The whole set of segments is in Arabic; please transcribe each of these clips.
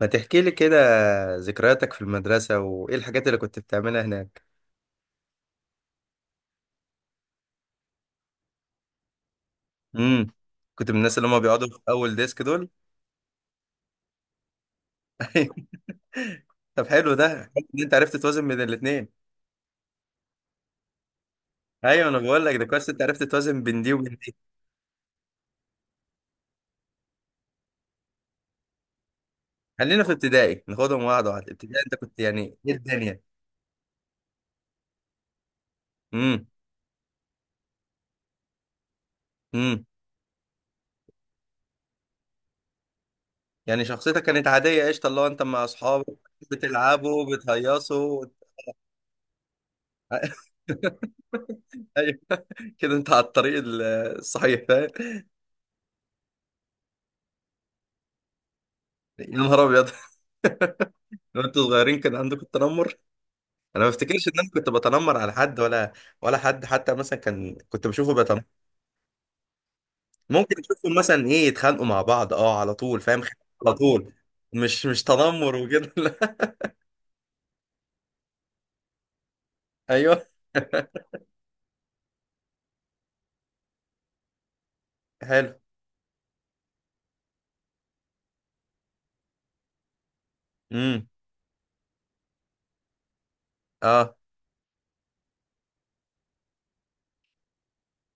ما تحكي لي كده ذكرياتك في المدرسة وإيه الحاجات اللي كنت بتعملها هناك؟ امم كنت من الناس اللي هم بيقعدوا في أول ديسك دول؟ أيوة. طب، حلو ده. حلو إن أنت عرفت توازن بين الاتنين. أيوه، أنا بقول لك ده كويس، أنت عرفت توازن بين دي وبين دي. خلينا في ابتدائي، ناخدهم واحدة واحدة. ابتدائي أنت كنت يعني إيه الدنيا؟ امم. امم. يعني شخصيتك كانت عادية، قشطة، اللي هو أنت مع أصحابك. بتلعبوا، بتهيصوا؟ ايوه، كده انت على الطريق الصحيح، فاهم؟ يا نهار ابيض! لو انتوا صغيرين كان عندكم التنمر؟ انا ما افتكرش ان انا كنت بتنمر على حد ولا. ولا حد حتى مثلا كان كنت بشوفه بتنمر. ممكن اشوفهم مثلا ايه، يتخانقوا مع بعض، اه، على طول، فاهم؟ خناقة على طول. مش تنمر وكده لا. ايوه. حلو. امم. اه،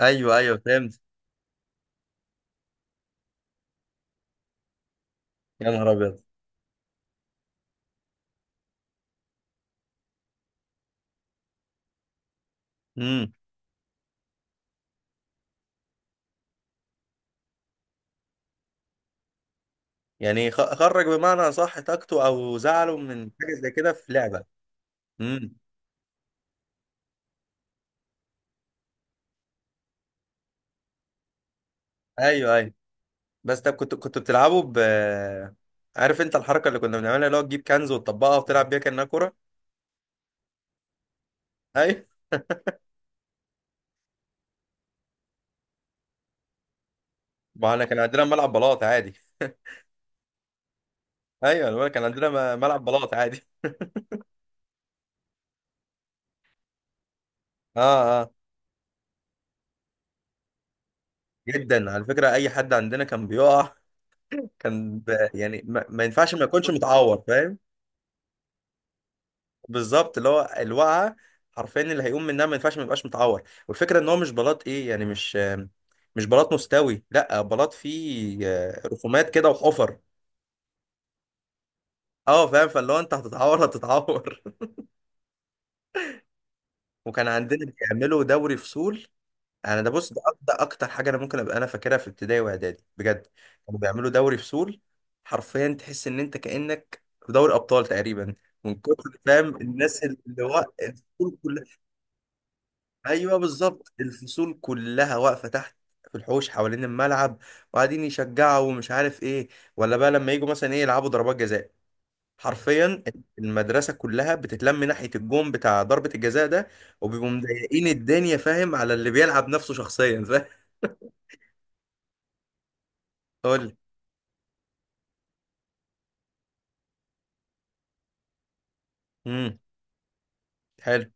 ايوه ايوه، فهمت. يا نهار ابيض! امم. يعني خرج بمعنى صح طاقته او زعله من حاجه زي كده في لعبه. امم. ايوه ايوه. بس طب، كنت بتلعبوا ب... عارف انت الحركه اللي كنا بنعملها، اللي هو تجيب كنز وتطبقها وتلعب بيها كانها كوره؟ ايوه، ما احنا كان عندنا ملعب بلاط عادي. ايوه أنا بقولك كان عندنا ملعب بلاط عادي. اه اه. جدا، على فكره اي حد عندنا كان بيقع، يعني، ما ينفعش ما يكونش متعور، فاهم؟ بالظبط، اللي هو الوقعه حرفيا، اللي هيقوم منها ما ينفعش ما يبقاش متعور. والفكره ان هو مش بلاط ايه يعني، مش مش بلاط مستوي، لا، بلاط فيه رسومات كده وحفر. اه، فاهم؟ فاللي هو انت هتتعور هتتعور. وكان عندنا بيعملوا دوري فصول. انا ده بص، ده ده اكتر حاجه انا ممكن ابقى انا فاكرها في ابتدائي واعدادي بجد. كانوا بيعملوا دوري فصول. حرفيا تحس ان انت كانك في دوري ابطال تقريبا، من كتر فاهم الناس، اللي هو الفصول كلها. ايوه بالظبط، الفصول كلها واقفه تحت، في الحوش حوالين الملعب، وقاعدين يشجعوا ومش عارف ايه. ولا بقى لما يجوا مثلا ايه يلعبوا ضربات جزاء، حرفيا، المدرسه كلها بتتلم ناحيه الجون بتاع ضربه الجزاء ده. وبيبقوا مضايقين الدنيا، فاهم، على اللي بيلعب نفسه شخصيا، فاهم؟ قول لي. امم. حلو.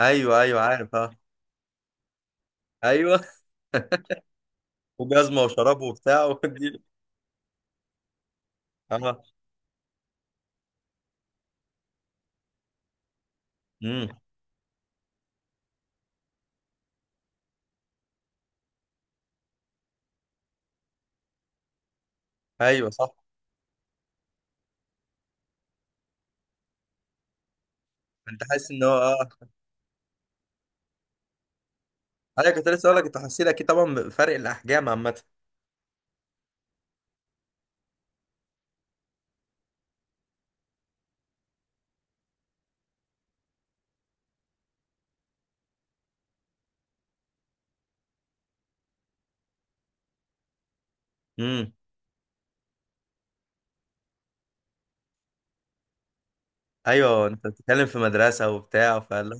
ايوه ايوه عارف، اه. ايوه. وجزمه وشراب وبتاع. ودي... اه. امم. ايوه صح، انت حاسس ان هو، اه. ايوه، كنت لسه اقول لك، انت حاسس اكيد طبعا بفرق الاحجام عامه. امم. ايوه، انت بتتكلم في مدرسه وبتاع، فلا.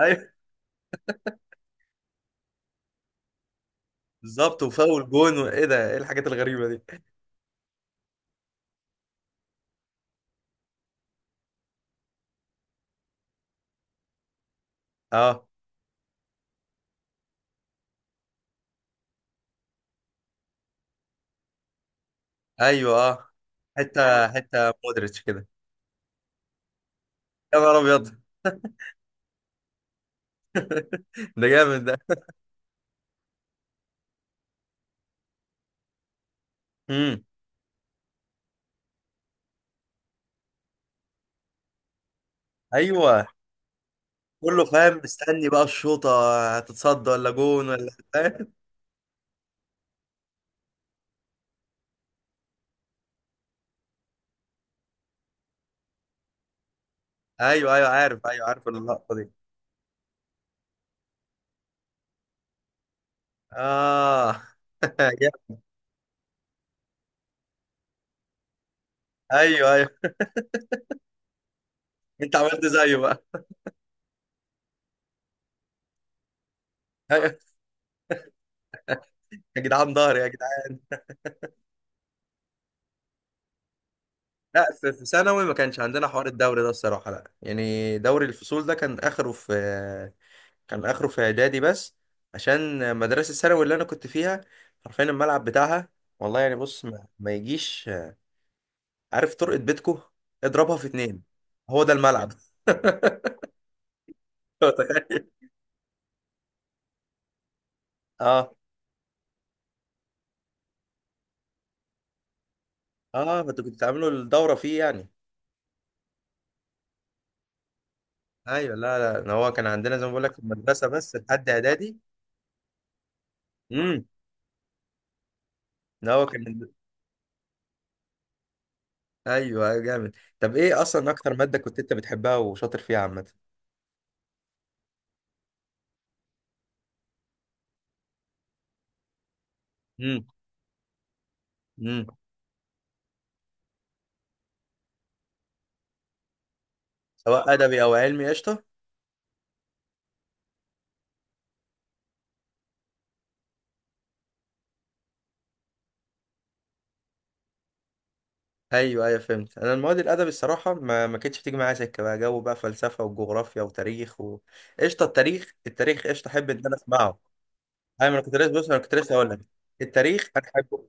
ايوه بالظبط، وفاول جون وايه ده، ايه الحاجات الغريبه دي؟ اه. ايوه، اه. حته حته مودريتش كده. يا نهار ابيض! ده جامد ده. امم. ايوه، كله فاهم مستني بقى الشوطه، هتتصد ولا جون ولا فاهم؟ ايوه ايوه عارف، ايوه عارف اللقطه دي. اه. جامد. ايوه ايوه، انت عملت زيه بقى. ايوه. يا جدعان، ضهري يا جدعان! لا، في ثانوي ما كانش عندنا حوار الدوري ده الصراحه. لا يعني، دوري الفصول ده كان اخره في... كان اخره في اعدادي بس. عشان مدرسه الثانوي اللي انا كنت فيها، حرفيا الملعب بتاعها، والله يعني بص، ما يجيش، عارف طرقه بيتكو، اضربها في اتنين. هو ده الملعب. متخيل؟ اه اه. ما انتوا كنتوا بتعملوا الدوره فيه يعني؟ ايوه. لا لا، إن هو كان عندنا زي ما بقول لك في المدرسه بس لحد اعدادي. امم. إن هو كان... ايوه أيوة، جامد. طب ايه اصلا اكتر ماده كنت انت بتحبها وشاطر فيها عامه؟ امم. امم. سواء ادبي او علمي، قشطه. ايوه ايوه فهمت. انا المواد الادبي الصراحه ما كانتش بتيجي معايا سكه، بقى جو بقى فلسفه وجغرافيا وتاريخ و... قشطه. التاريخ، التاريخ قشطه، احب ان انا اسمعه. ايوه، انا كنت لسه بص، انا كنت لسه اقول لك، التاريخ انا احبه.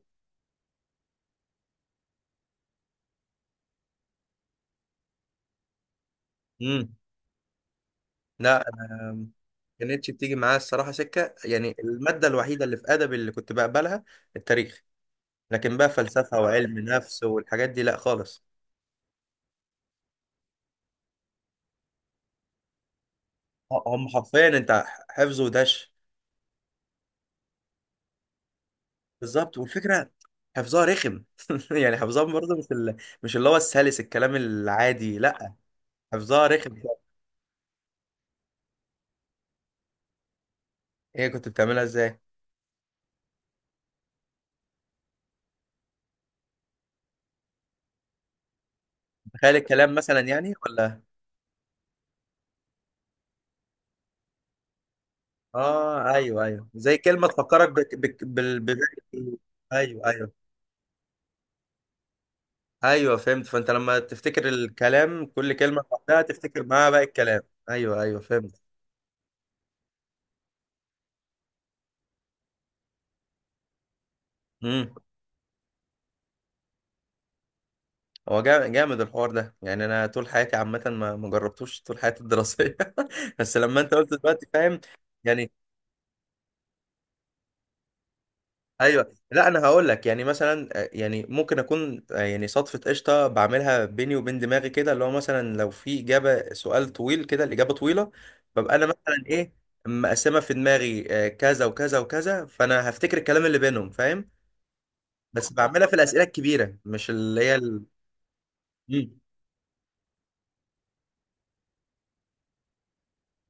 امم. لا، انا ما كانتش بتيجي معايا الصراحه سكه. يعني الماده الوحيده اللي في ادبي اللي كنت بقبلها، التاريخ. لكن بقى فلسفه وعلم نفس والحاجات دي، لا خالص. هم حرفيا انت حفظ ودش. بالظبط، والفكره حفظها رخم. يعني حفظها برضه مش ال... مش اللي هو السلس الكلام العادي، لا. حفظها رخم. هي كنت بتعملها ازاي؟ تخيل الكلام مثلا يعني، ولا؟ اه، ايوه ايوه، زي كلمه تفكرك. ايوه ايوه ايوه فهمت. فانت لما تفتكر الكلام كل كلمه لوحدها تفتكر معاها باقي الكلام. ايوه ايوه فهمت. امم. هو جامد الحوار ده. يعني انا طول حياتي عامه ما جربتوش طول حياتي الدراسيه. بس لما انت قلت دلوقتي، فاهم؟ يعني... ايوه، لا انا هقول لك، يعني مثلا، يعني ممكن اكون، يعني صدفه قشطه بعملها بيني وبين دماغي كده، اللي هو مثلا لو في اجابه سؤال طويل كده الاجابه طويله، ببقى انا مثلا ايه، مقسمه في دماغي، كذا وكذا وكذا، فانا هفتكر الكلام اللي بينهم، فاهم؟ بس بعملها في الاسئله الكبيره، مش اللي هي ال... مم.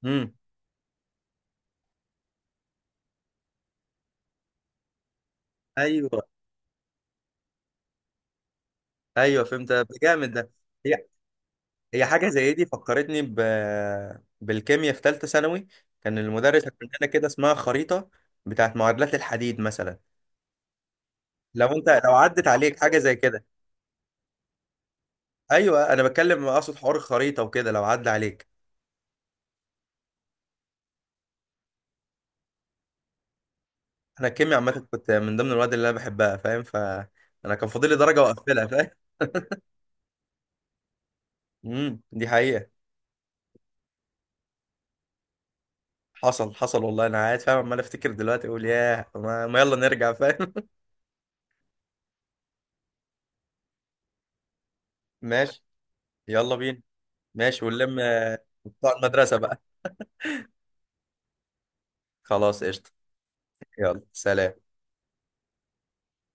مم. ايوه ايوه فهمت، ده جامد ده. هي... هي حاجة زي دي فكرتني ب... بالكيمياء في ثالثة ثانوي. كان المدرس عامل لنا كده اسمها خريطة، بتاعت معادلات الحديد مثلا. لو عدت عليك حاجة زي كده؟ ايوه، انا بتكلم اقصد حوار الخريطة وكده، لو عدى عليك. انا الكيمياء عامة كنت من ضمن المواد اللي انا بحبها، فاهم؟ ف... انا كان فاضل لي درجة واقفلها، فاهم؟ امم، دي حقيقة. حصل حصل والله. انا قاعد فاهم عمال افتكر دلوقتي، اقول ياه، ما يلا نرجع، فاهم؟ ماشي. يلا بينا. ماشي ونلم بتاع المدرسة بقى. خلاص قشطة. يلا سلام.